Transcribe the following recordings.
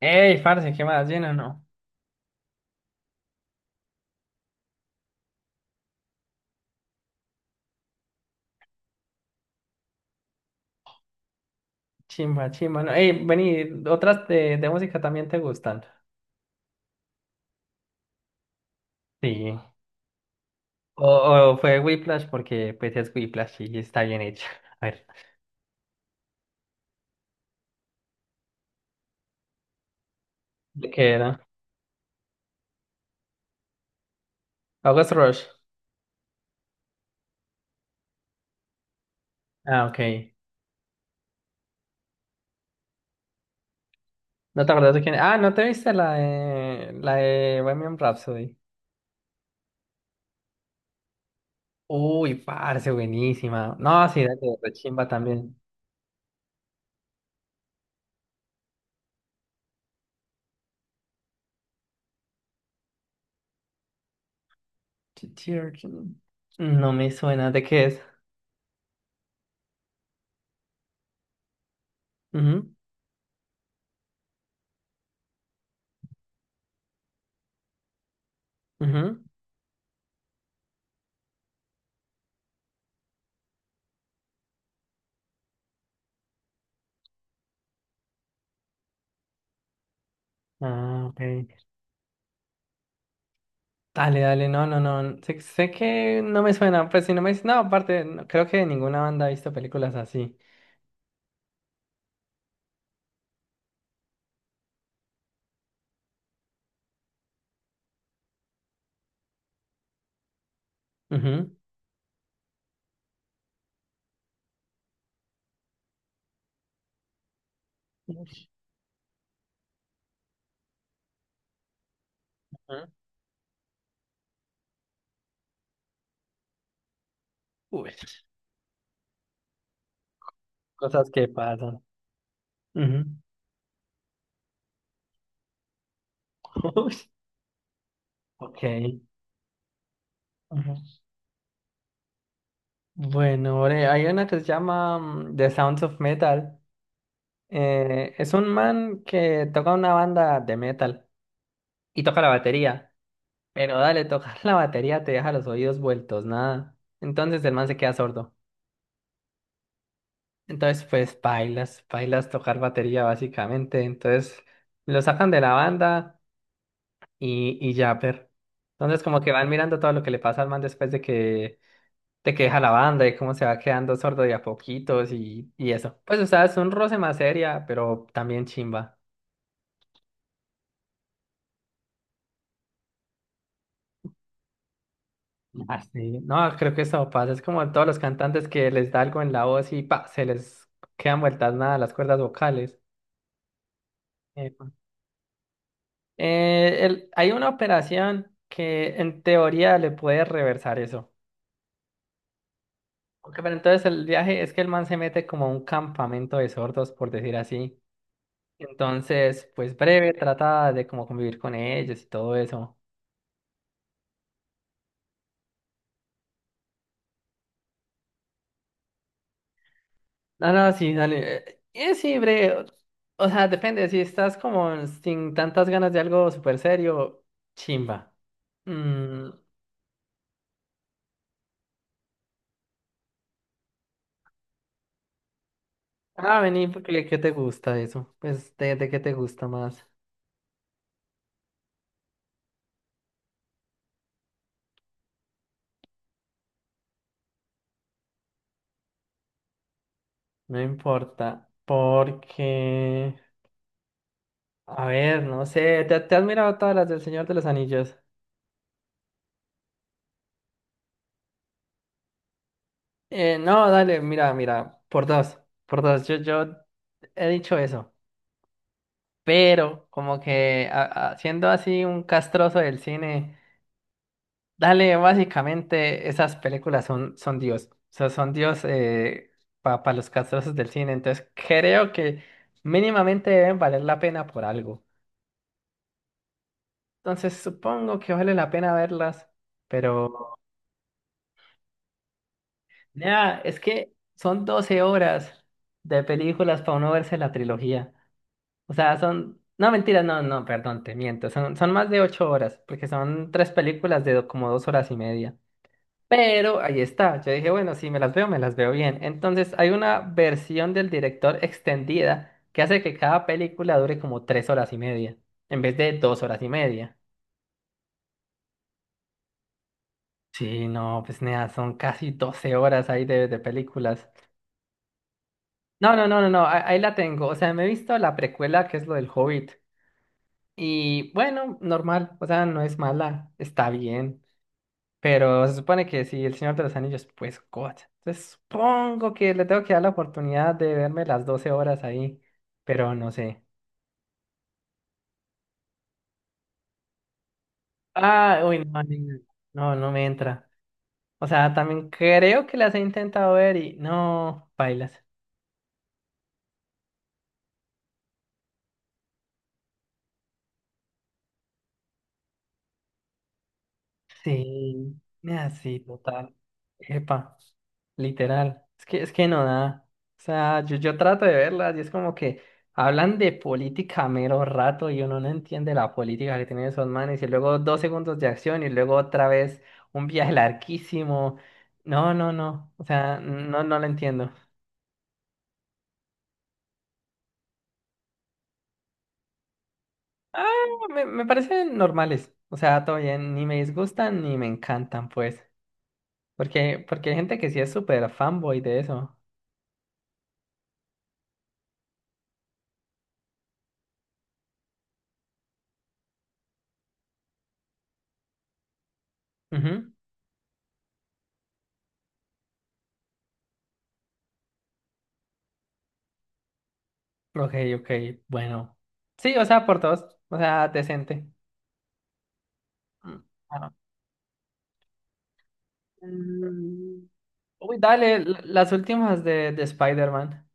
Ey, parce, ¿qué más? ¿Bien o no? Chimba, chimba, no. Ey, vení, ¿otras de música también te gustan? Sí. O, o fue Whiplash porque pues es Whiplash y está bien hecha. A ver, ¿de qué era? August Rush. Ah, ok. ¿No te acuerdas de quién? Ah, ¿no te viste la de Bohemian Rhapsody? Uy, parce, buenísima. No, sí, de chimba también. Ch- Chir- No me suena, ¿de qué es? Ujú, ujú. Ah, ok. Dale, dale, no, no, no. Sé que no me suena, pues si no me dices, no, aparte, no, creo que ninguna banda ha visto películas así. Ujú, ujú. Uy. Cosas que pasan. Ujú. Uy. Ok. Ujú. Bueno, ore, hay una que se llama The Sounds of Metal. Es un man que toca una banda de metal y toca la batería. Pero dale, tocar la batería te deja los oídos vueltos, nada. Entonces el man se queda sordo. Entonces, pues, bailas, bailas tocar batería básicamente. Entonces, lo sacan de la banda y ya, per. Entonces, como que van mirando todo lo que le pasa al man después de que deja la banda y cómo se va quedando sordo de a poquitos y eso. Pues, o sea, es un roce más seria, pero también chimba. Así, no, creo que eso pasa. Es como todos los cantantes que les da algo en la voz y pa, se les quedan vueltas nada las cuerdas vocales. Eh, Hay una operación que en teoría le puede reversar eso. Ok, pero entonces el viaje es que el man se mete como a un campamento de sordos, por decir así. Entonces, pues breve, trata de como convivir con ellos y todo eso. No, no, sí, dale. Sí, breve. O sea, depende, si estás como sin tantas ganas de algo súper serio, chimba. Mm, Vení, porque ¿qué te gusta de eso? Pues, ¿de qué te gusta más? No importa, porque... A ver, no sé, ¿te has mirado todas las del Señor de los Anillos? No, dale, mira, mira, por dos, yo he dicho eso, pero como que siendo así un castroso del cine, dale, básicamente esas películas son Dios, o sea, son Dios para los castrosos del cine, entonces creo que mínimamente deben valer la pena por algo, entonces supongo que vale la pena verlas. Pero ya, es que son 12 horas de películas para uno verse la trilogía. O sea, son... No, mentira, no, no, perdón, te miento. Son más de 8 horas, porque son 3 películas de como 2 horas y media. Pero ahí está. Yo dije, bueno, si me las veo, me las veo bien. Entonces, hay una versión del director extendida que hace que cada película dure como 3 horas y media, en vez de 2 horas y media. Sí, no, pues nada, son casi 12 horas ahí de películas. No, no, no, no, no, ahí la tengo. O sea, me he visto la precuela que es lo del Hobbit. Y bueno, normal, o sea, no es mala, está bien. Pero se supone que si El Señor de los Anillos, pues God. Entonces supongo que le tengo que dar la oportunidad de verme las 12 horas ahí, pero no sé. Ah, uy, no, no, no me entra. O sea, también creo que las he intentado ver y no, bailas. Sí, nada, sí, total. Epa, literal. Es que no da. O sea, yo trato de verlas y es como que hablan de política a mero rato y uno no entiende la política que tienen esos manes y luego 2 segundos de acción y luego otra vez un viaje larguísimo. No, no, no. O sea, no, no lo entiendo. Ah, me parecen normales. O sea, todo bien, ni me disgustan ni me encantan, pues. Porque, porque hay gente que sí es súper fanboy de eso. Ujú. Ok, ok, bueno. Sí, o sea, por dos. O sea, decente. Mm, bueno. Mm, Uy, dale, las últimas de Spider-Man.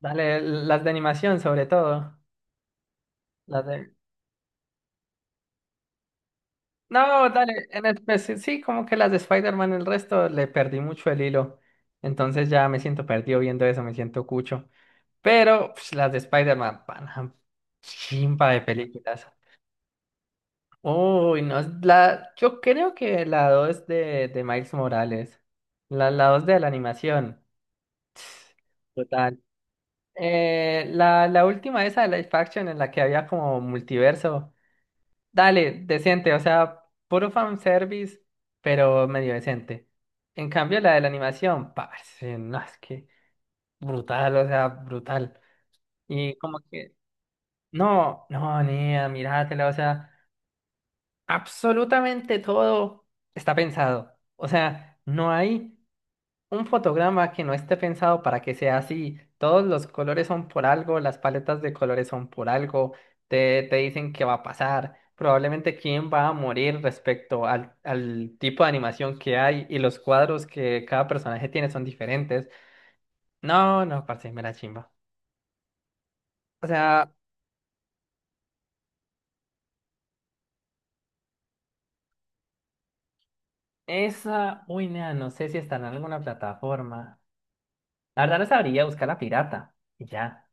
Dale, las de animación sobre todo. Las de... No, dale, en especial, sí, sí, como que las de Spider-Man, el resto le perdí mucho el hilo. Entonces ya me siento perdido viendo eso, me siento cucho. Pero pues, las de Spider-Man, pana, chimpa de películas. Uy, no, es la, yo creo que la 2 de Miles Morales. La 2 de la animación. Total. La última esa de Life Action en la que había como multiverso. Dale, decente, o sea, puro fanservice, pero medio decente. En cambio, la de la animación, parce, no, es que brutal, o sea, brutal. Y como que, no, no, niña, míratela, o sea. Absolutamente todo está pensado. O sea, no hay un fotograma que no esté pensado para que sea así. Todos los colores son por algo, las paletas de colores son por algo, te dicen qué va a pasar, probablemente quién va a morir respecto al, al tipo de animación que hay y los cuadros que cada personaje tiene son diferentes. No, no, parce, me la chimba. O sea, esa, uy, nea, no sé si está en alguna plataforma. La verdad no sabría buscar la pirata. Y ya.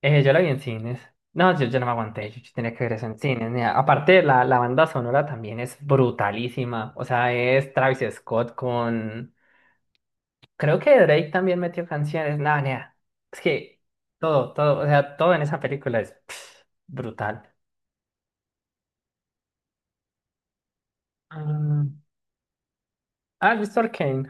Yo la vi en cines. No, yo no me aguanté, yo tenía que ver eso en cines. Mira, aparte, la banda sonora también es brutalísima. O sea, es Travis Scott con... Creo que Drake también metió canciones. No, nea. Es que todo, todo, o sea, todo en esa película es pff, brutal. Ah, ¿Has visto Arcane?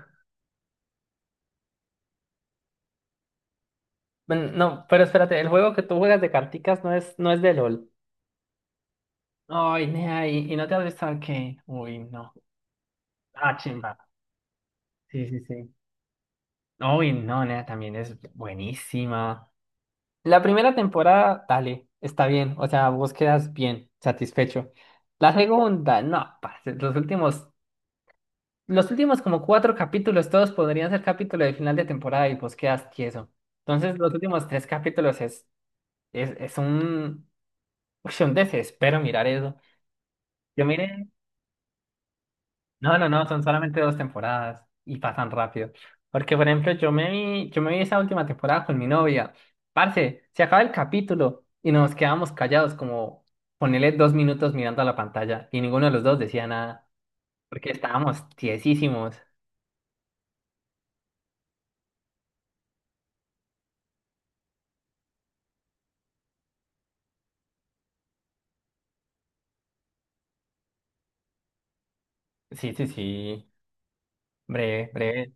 Bueno, no, pero espérate, el juego que tú juegas de carticas no es, no es de LOL. Ay, nea, y no te has visto Arcane. Uy, no. Ah, chimba. Sí, sí, sí. Uy, no, nena, también es buenísima. La primera temporada, dale, está bien. O sea, vos quedas bien, satisfecho. La segunda, no, parce, los últimos como 4 capítulos, todos podrían ser capítulos de final de temporada y vos quedas tieso. Entonces, los últimos 3 capítulos es un, uy, un desespero mirar eso. Yo miré No, no, no, son solamente 2 temporadas y pasan rápido. Porque, por ejemplo, yo me vi esa última temporada con mi novia. Parce, se acaba el capítulo y nos quedamos callados, como ponerle 2 minutos mirando a la pantalla y ninguno de los dos decía nada, porque estábamos tiesísimos. Sí, sí, sí. Breve, breve.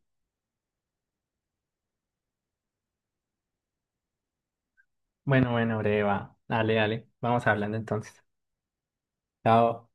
Bueno, bueno, breve, va. Dale, dale. Vamos hablando entonces. Chao.